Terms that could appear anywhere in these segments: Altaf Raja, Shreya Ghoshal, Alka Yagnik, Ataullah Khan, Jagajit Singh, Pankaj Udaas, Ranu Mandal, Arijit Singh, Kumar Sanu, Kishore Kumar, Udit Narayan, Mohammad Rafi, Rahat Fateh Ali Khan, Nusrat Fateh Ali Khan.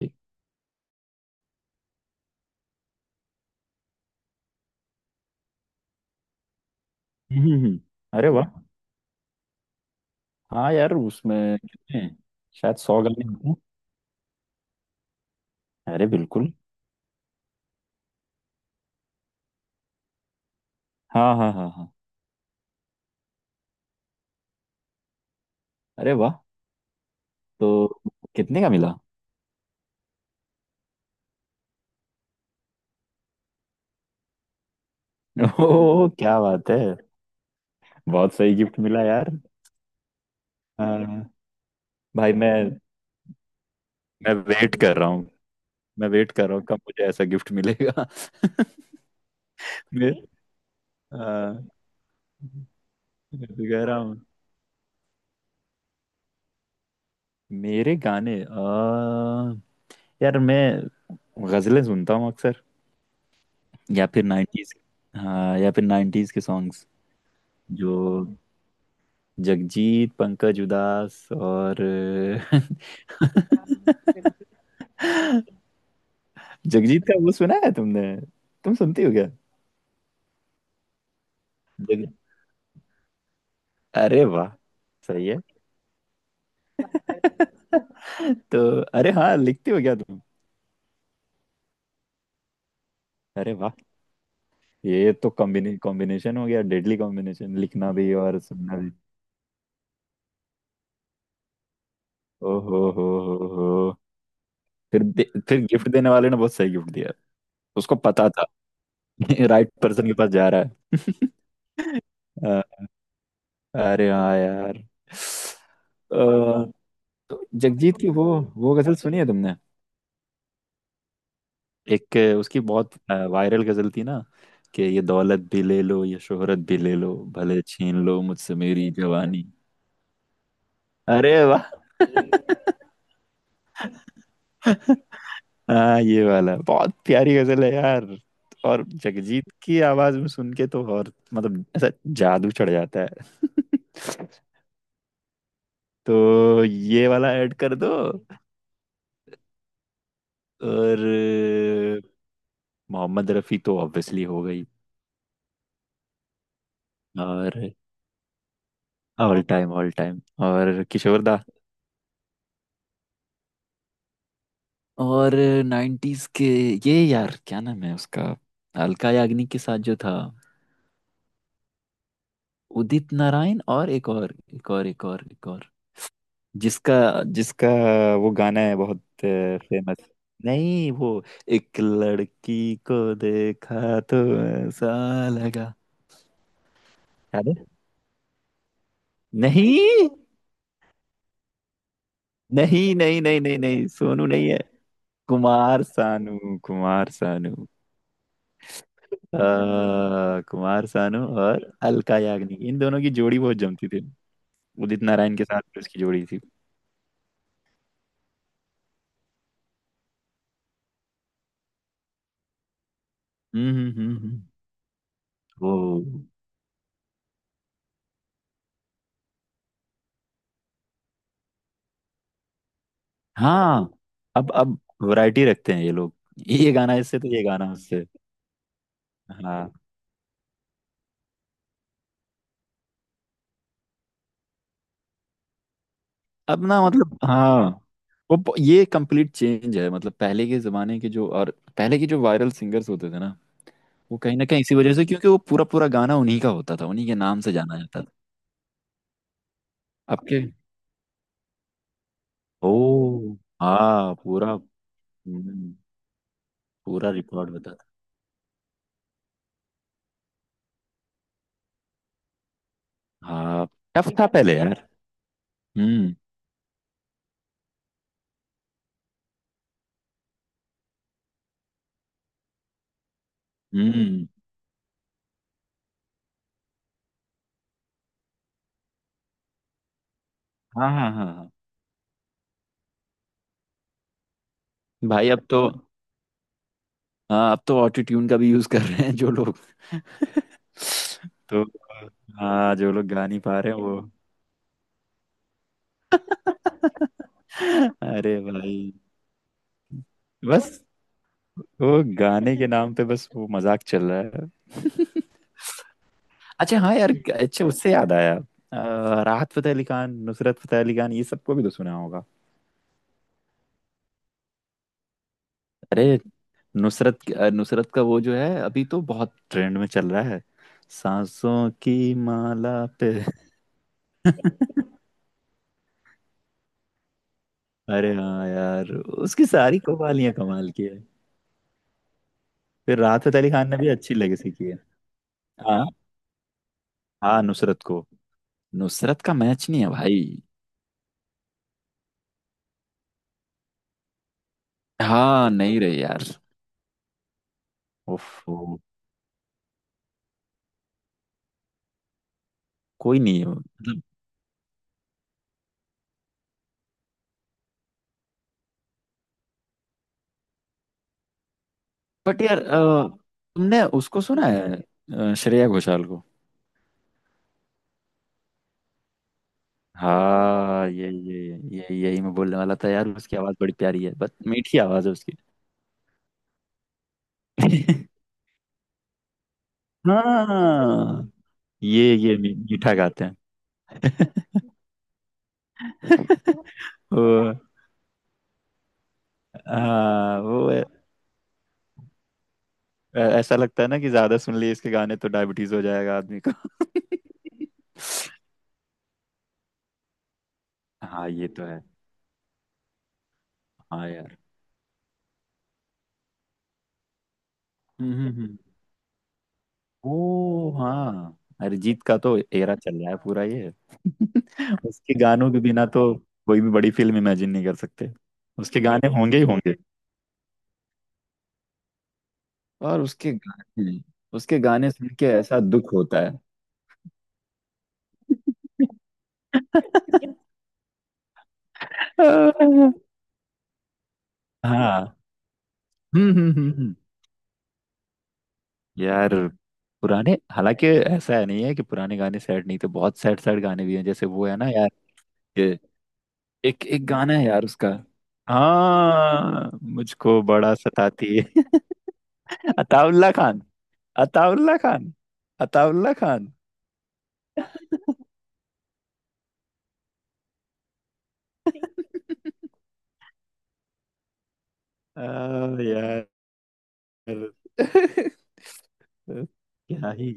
ठीक। हम्म हम्म। अरे वाह। हाँ यार उसमें कितने हैं? शायद 100 गाने होते हैं। अरे बिल्कुल। हाँ हाँ हाँ हाँ। अरे वाह। तो कितने का मिला? ओह क्या बात है। बहुत सही गिफ्ट मिला यार। हाँ। भाई मैं वेट कर रहा हूँ। मैं वेट कर रहा हूँ कब मुझे ऐसा गिफ्ट मिलेगा। मैं हाँ, मैं तो कह रहा हूँ। मेरे गाने आ, यार मैं गजलें सुनता हूँ अक्सर। या फिर 90s। हाँ, या फिर 90s के सॉन्ग्स। जो जगजीत पंकज उदास और। जगजीत का वो सुना है तुमने? तुम सुनती हो क्या? जग... अरे वाह। सही है तो। अरे हाँ, लिखती हो क्या तुम? अरे वाह। ये तो कॉम्बिनेशन हो गया। Deadly combination. लिखना भी और सुनना भी। ओ हो हो। हो हो। फिर दे, फिर गिफ्ट देने वाले ने बहुत सही गिफ्ट दिया। उसको पता था। राइट पर्सन के पास जा रहा है। अ, अरे हाँ यार तो जगजीत की वो गजल सुनी है तुमने? एक उसकी बहुत वायरल गजल थी ना, कि ये दौलत भी ले लो ये शोहरत भी ले लो भले छीन लो मुझसे मेरी जवानी। अरे वाह। हाँ ये वाला बहुत प्यारी गजल है यार। और जगजीत की आवाज में सुन के तो और मतलब ऐसा जादू चढ़ जाता है। तो ये वाला ऐड कर दो। और अ, मोहम्मद रफी तो ऑब्वियसली हो गई। और ऑल टाइम और किशोर दा। और 90s के ये यार क्या नाम है उसका? अलका याग्निक के साथ जो था। उदित नारायण। और एक और एक और एक और एक और जिसका जिसका वो गाना है बहुत फेमस। नहीं वो एक लड़की को देखा तो ऐसा लगा। याद है? नहीं नहीं नहीं नहीं नहीं नहीं, सोनू नहीं है। कुमार सानू कुमार सानू। आ, कुमार सानू और अलका याग्निक इन दोनों की जोड़ी बहुत जमती थी। उदित नारायण के साथ जो इसकी जोड़ी थी। हम्म हम्म हम्म, ओ हाँ। अब वैरायटी रखते हैं ये लोग। ये गाना इससे तो ये गाना उससे। हाँ, अब ना मतलब हाँ, ये कंप्लीट चेंज है। मतलब पहले के जमाने के जो और पहले के जो वायरल सिंगर्स होते थे ना, वो कहीं ना कहीं इसी वजह से, क्योंकि वो पूरा पूरा गाना उन्हीं का होता था, उन्हीं के नाम से जाना जाता था। अब के। ओ हाँ। पूरा। हम्म, पूरा रिकॉर्ड होता था। हाँ टफ था पहले यार। हम्म हम्म। हाँ हाँ हाँ हाँ। भाई अब तो हाँ, अब तो ऑटो ट्यून का भी यूज कर रहे हैं जो लोग। तो हाँ, जो लोग गा नहीं पा रहे हैं वो। अरे भाई बस वो गाने के नाम पे बस वो मजाक चल रहा है। अच्छा हाँ यार, अच्छा उससे याद आया। राहत फतेह अली खान, नुसरत फतेह अली खान ये सबको भी तो सुना होगा। अरे नुसरत। नुसरत का वो जो है अभी तो बहुत ट्रेंड में चल रहा है, सांसों की माला पे। अरे हाँ यार, उसकी सारी कवालियां कमाल की है। फिर राहत अली खान ने भी अच्छी लेगेसी की है। हाँ। हाँ नुसरत का मैच नहीं है भाई। हाँ नहीं रहे यार। उफ उफ, कोई नहीं है मतलब। बट यार तुमने उसको सुना है? श्रेया घोषाल को? हाँ ये यही मैं बोलने वाला था यार, उसकी आवाज बड़ी प्यारी है, बस मीठी आवाज है उसकी। हाँ ये मीठा गाते हैं। वो हाँ ऐसा लगता है ना कि ज्यादा सुन लिए इसके गाने तो डायबिटीज हो जाएगा आदमी का। हाँ ये तो है। हाँ यार। हम्म हम्म हम्म। ओ हाँ। अरिजीत का तो एरा चल रहा है पूरा ये। उसके गानों के बिना तो कोई भी बड़ी फिल्म इमेजिन नहीं कर सकते। उसके गाने होंगे ही होंगे। और उसके गाने सुन के ऐसा दुख होता है। हाँ। हम्म हम्म हम्म हम्म। यार पुराने, हालांकि ऐसा है नहीं है कि पुराने गाने सैड नहीं थे। बहुत सैड सैड गाने भी हैं जैसे वो है ना यार, ये एक एक गाना है यार उसका। हाँ मुझको बड़ा सताती है। अताउल्ला खान, अताउल्ला खान, अताउल्ला खान। आ, यार। क्या ही।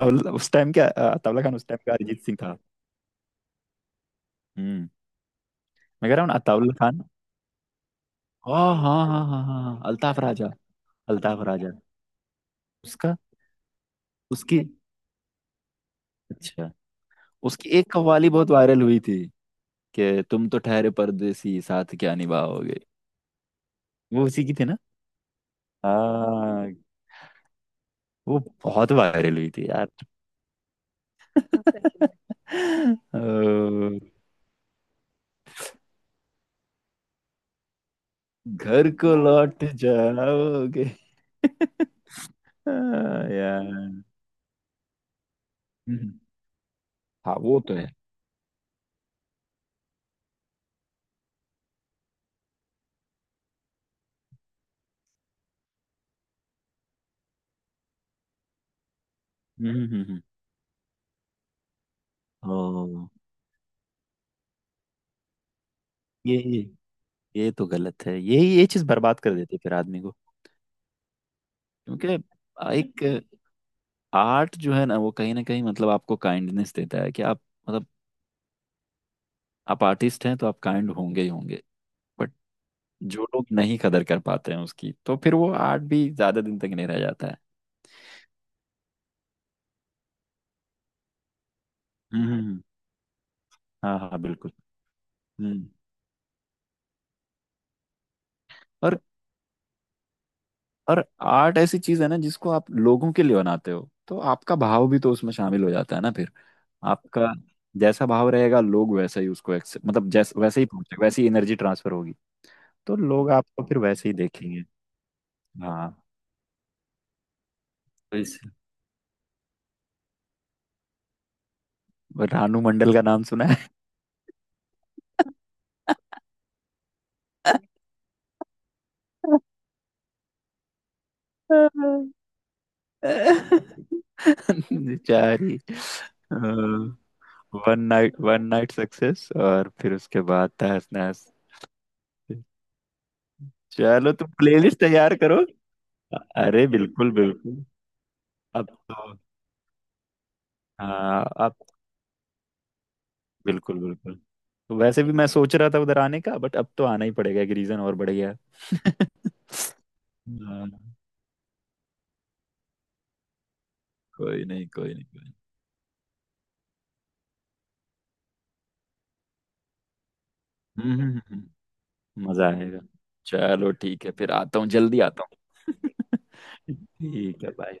उस टाइम क्या अताउल्ला खान उस टाइम का अरिजीत सिंह था। हम्म। मैं कह रहा हूँ ना, अताउल्ला खान। हाँ हाँ हाँ हाँ हाँ हाँ, अल्ताफ राजा। अल्ताफ राजा। उसका उसकी अच्छा, उसकी एक कव्वाली बहुत वायरल हुई थी, कि तुम तो ठहरे परदेसी साथ क्या निभाओगे। वो उसी की थी ना? हाँ वो बहुत वायरल हुई थी यार। हाँ, सच में। ओ, घर को लौट जाओगे। हाँ, यार। हम्म। हाँ वो तो है। हम्म हम्म ओ, ये ये ये तो गलत है। ये चीज बर्बाद कर देती है फिर आदमी को। क्योंकि एक आर्ट जो है ना, वो कहीं ना कहीं मतलब आपको काइंडनेस देता है कि आप, मतलब आप आर्टिस्ट हैं तो आप काइंड होंगे ही होंगे। बट जो लोग नहीं कदर कर पाते हैं उसकी, तो फिर वो आर्ट भी ज्यादा दिन तक नहीं रह जाता है। हम्म। हाँ हाँ बिल्कुल। हम्म। और और आर्ट ऐसी चीज है ना, जिसको आप लोगों के लिए बनाते हो तो आपका भाव भी तो उसमें शामिल हो जाता है ना। फिर आपका जैसा भाव रहेगा, लोग वैसा ही उसको मतलब जैस वैसे ही पहुंचे वैसी एनर्जी ट्रांसफर होगी, तो लोग आपको फिर वैसे ही देखेंगे। हाँ। रानू मंडल का नाम सुना है? बेचारी। One night, one night success और फिर उसके बाद तहस नहस। चलो तुम प्लेलिस्ट तैयार करो। अरे बिल्कुल बिल्कुल। अब तो हाँ, अब बिल्कुल बिल्कुल। तो वैसे भी मैं सोच रहा था उधर आने का, बट अब तो आना ही पड़ेगा, एक रीजन और बढ़ गया। हाँ, कोई नहीं कोई नहीं कोई नहीं। हम्म हम्म, हम्म, हम्म। मजा आएगा। चलो ठीक है, फिर आता हूँ, जल्दी आता हूँ। ठीक है, बाय।